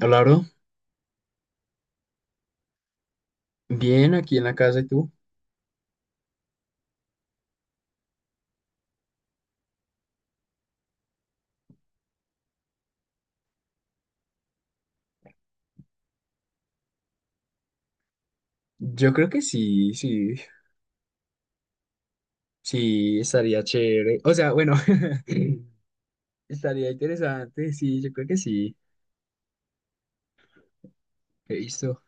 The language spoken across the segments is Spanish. Claro, bien, aquí en la casa y tú. Yo creo que sí, sí, sí, estaría chévere. O sea, bueno, estaría interesante, sí, yo creo que sí. He visto.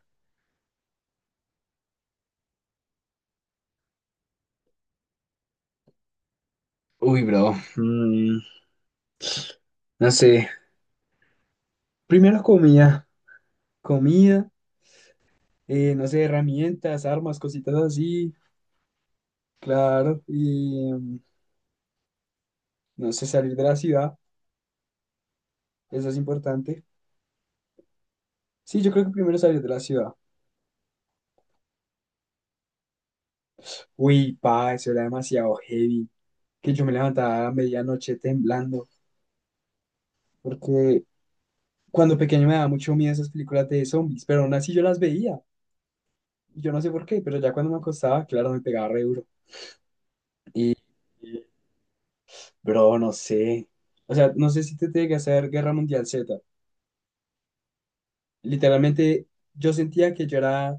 Uy, bro, no sé. Primero comida, comida, no sé, herramientas, armas, cositas así, claro. Y no sé, salir de la ciudad, eso es importante. Sí, yo creo que primero salir de la ciudad. Uy, pa, eso era demasiado heavy. Que yo me levantaba a medianoche temblando. Porque cuando pequeño me daba mucho miedo esas películas de zombies, pero aún así yo las veía. Yo no sé por qué, pero ya cuando me acostaba, claro, me pegaba re duro. Y, bro, no sé. O sea, no sé si te tiene que hacer Guerra Mundial Z. Literalmente, yo sentía que yo era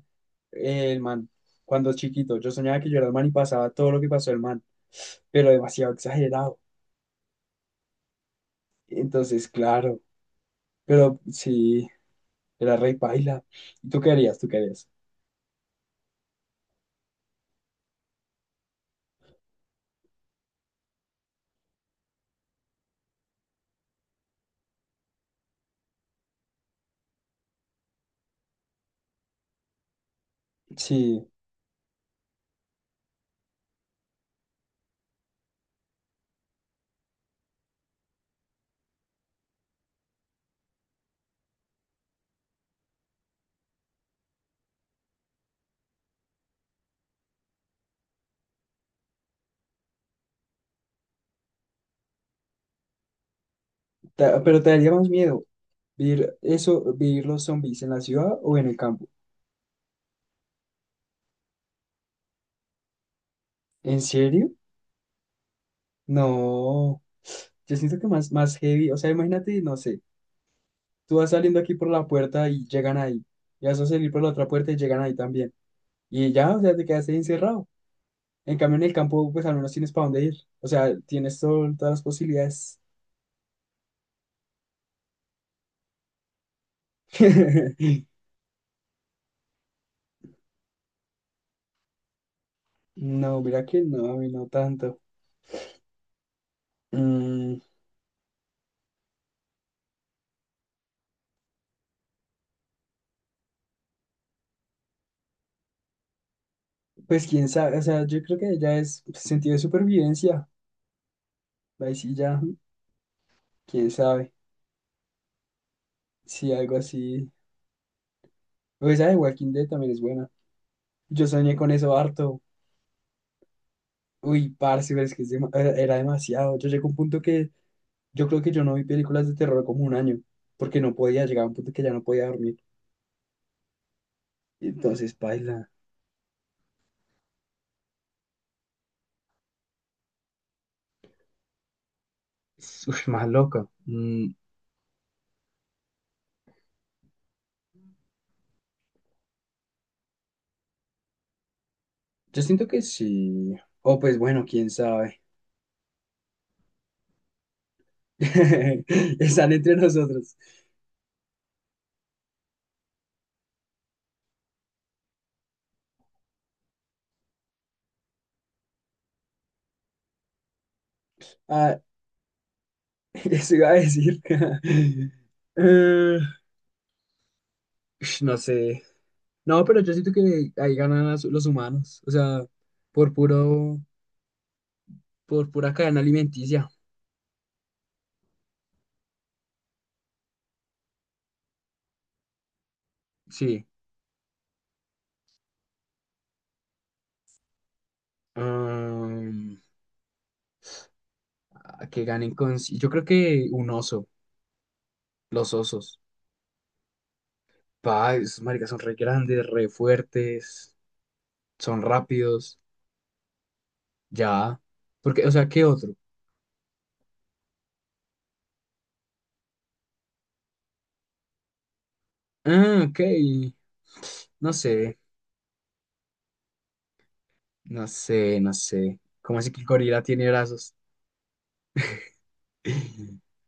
el man cuando chiquito. Yo soñaba que yo era el man y pasaba todo lo que pasó el man, pero demasiado exagerado. Entonces, claro, pero sí, era rey paila. ¿Y tú qué harías? ¿Tú qué harías? Sí, pero te daría más miedo. Vivir eso, vivir los zombies en la ciudad o en el campo. ¿En serio? No. Yo siento que más, más heavy. O sea, imagínate, no sé, tú vas saliendo aquí por la puerta y llegan ahí. Y vas a salir por la otra puerta y llegan ahí también. Y ya, o sea, te quedaste ahí encerrado. En cambio, en el campo, pues al menos tienes para dónde ir. O sea, tienes todas las posibilidades. No, mira que no, a mí no tanto. Mm, pues quién sabe, o sea, yo creo que ya es pues, sentido de supervivencia. Ahí sí ya, quién sabe. Sí, algo así. O esa de Walking Dead también es buena. Yo soñé con eso harto. Uy, parce, pero es que es era demasiado. Yo llegué a un punto que yo creo que yo no vi películas de terror como un año, porque no podía llegar a un punto que ya no podía dormir. Entonces, paila. Uy, más loca. Mm, yo siento que sí. O pues bueno, quién sabe. Están entre nosotros. Ah, eso iba a decir. Eh, no sé. No, pero yo siento que ahí ganan los humanos, o sea, por puro, por pura cadena alimenticia. Sí. Am, a que ganen con... sí, yo creo que un oso, los osos. Pa, esos maricas son re grandes, re fuertes, son rápidos, ya. Porque, o sea, ¿qué otro? Ah, ok. No sé, no sé. ¿Cómo así que el gorila tiene brazos?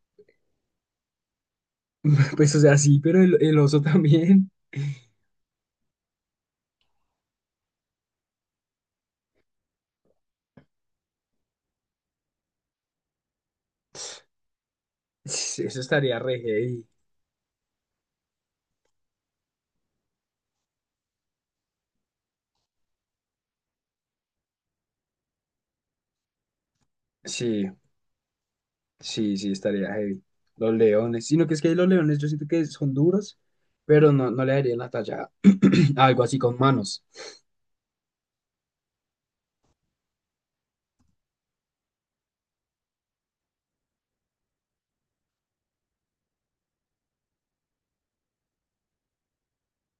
Pues, o sea, sí, pero el oso también. Eso estaría re heavy. Sí, sí, estaría heavy. Los leones. Sino que es que los leones yo siento que son duros, pero no, no le darían la talla a algo así con manos.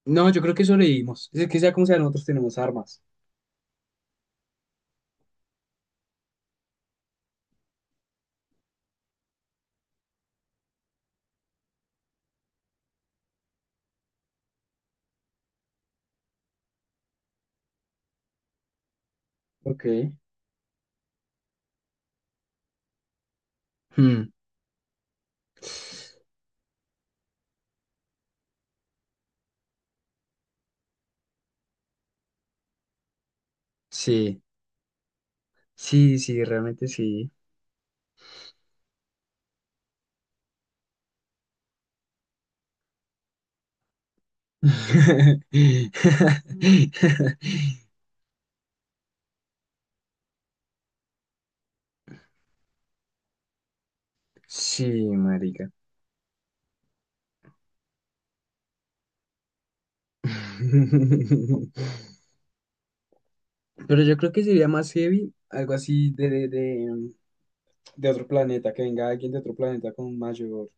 No, yo creo que sobrevivimos. Es que sea como sea, nosotros tenemos armas. Ok. Hmm, Sí, sí, realmente sí. Sí, marica. Pero yo creo que sería más heavy, algo así de otro planeta, que venga alguien de otro planeta con mayor,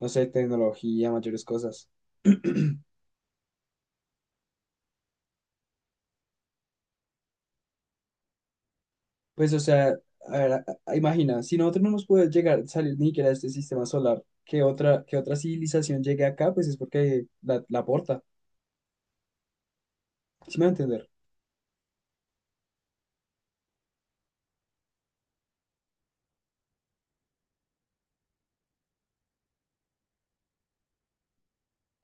no sé, tecnología, mayores cosas. Pues, o sea, a ver, imagina, si nosotros no nos podemos llegar, salir ni siquiera de este sistema solar, que otra civilización llegue acá, pues es porque la aporta. ¿Sí me va a entender?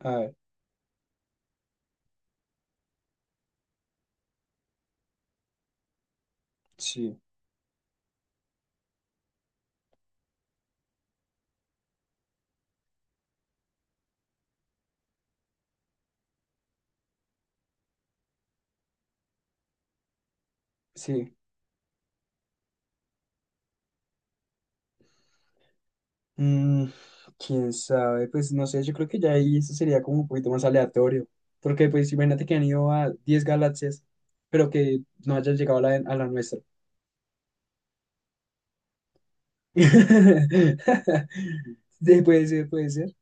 A ver, sí, sí. Mm, quién sabe, pues no sé, yo creo que ya ahí eso sería como un poquito más aleatorio, porque pues imagínate que han ido a 10 galaxias, pero que no hayan llegado a a la nuestra. Sí, puede ser, puede ser.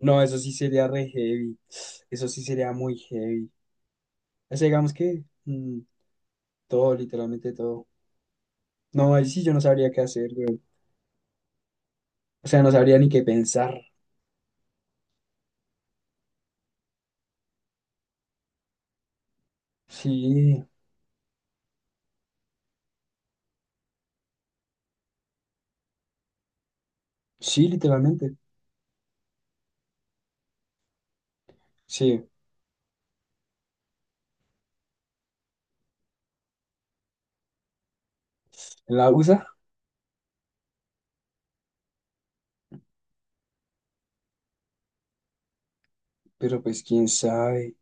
No, eso sí sería re heavy, eso sí sería muy heavy. O sea, digamos que todo, literalmente todo. No, ahí sí yo no sabría qué hacer, güey. O sea, no sabría ni qué pensar. Sí, sí, literalmente. Sí, en la USA, pero pues quién sabe.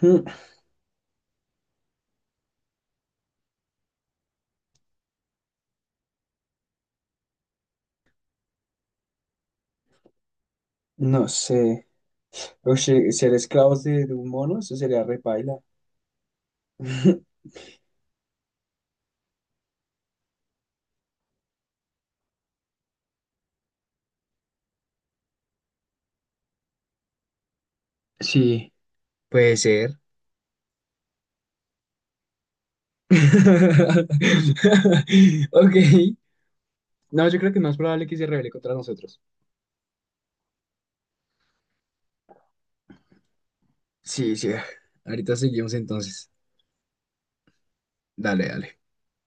Hmm, no sé. Ser esclavos de un mono, eso sería repaila. Sí, puede ser. Ok. No, yo creo que es más probable que se revele contra nosotros. Sí, sí. Ahorita seguimos entonces. Dale, dale.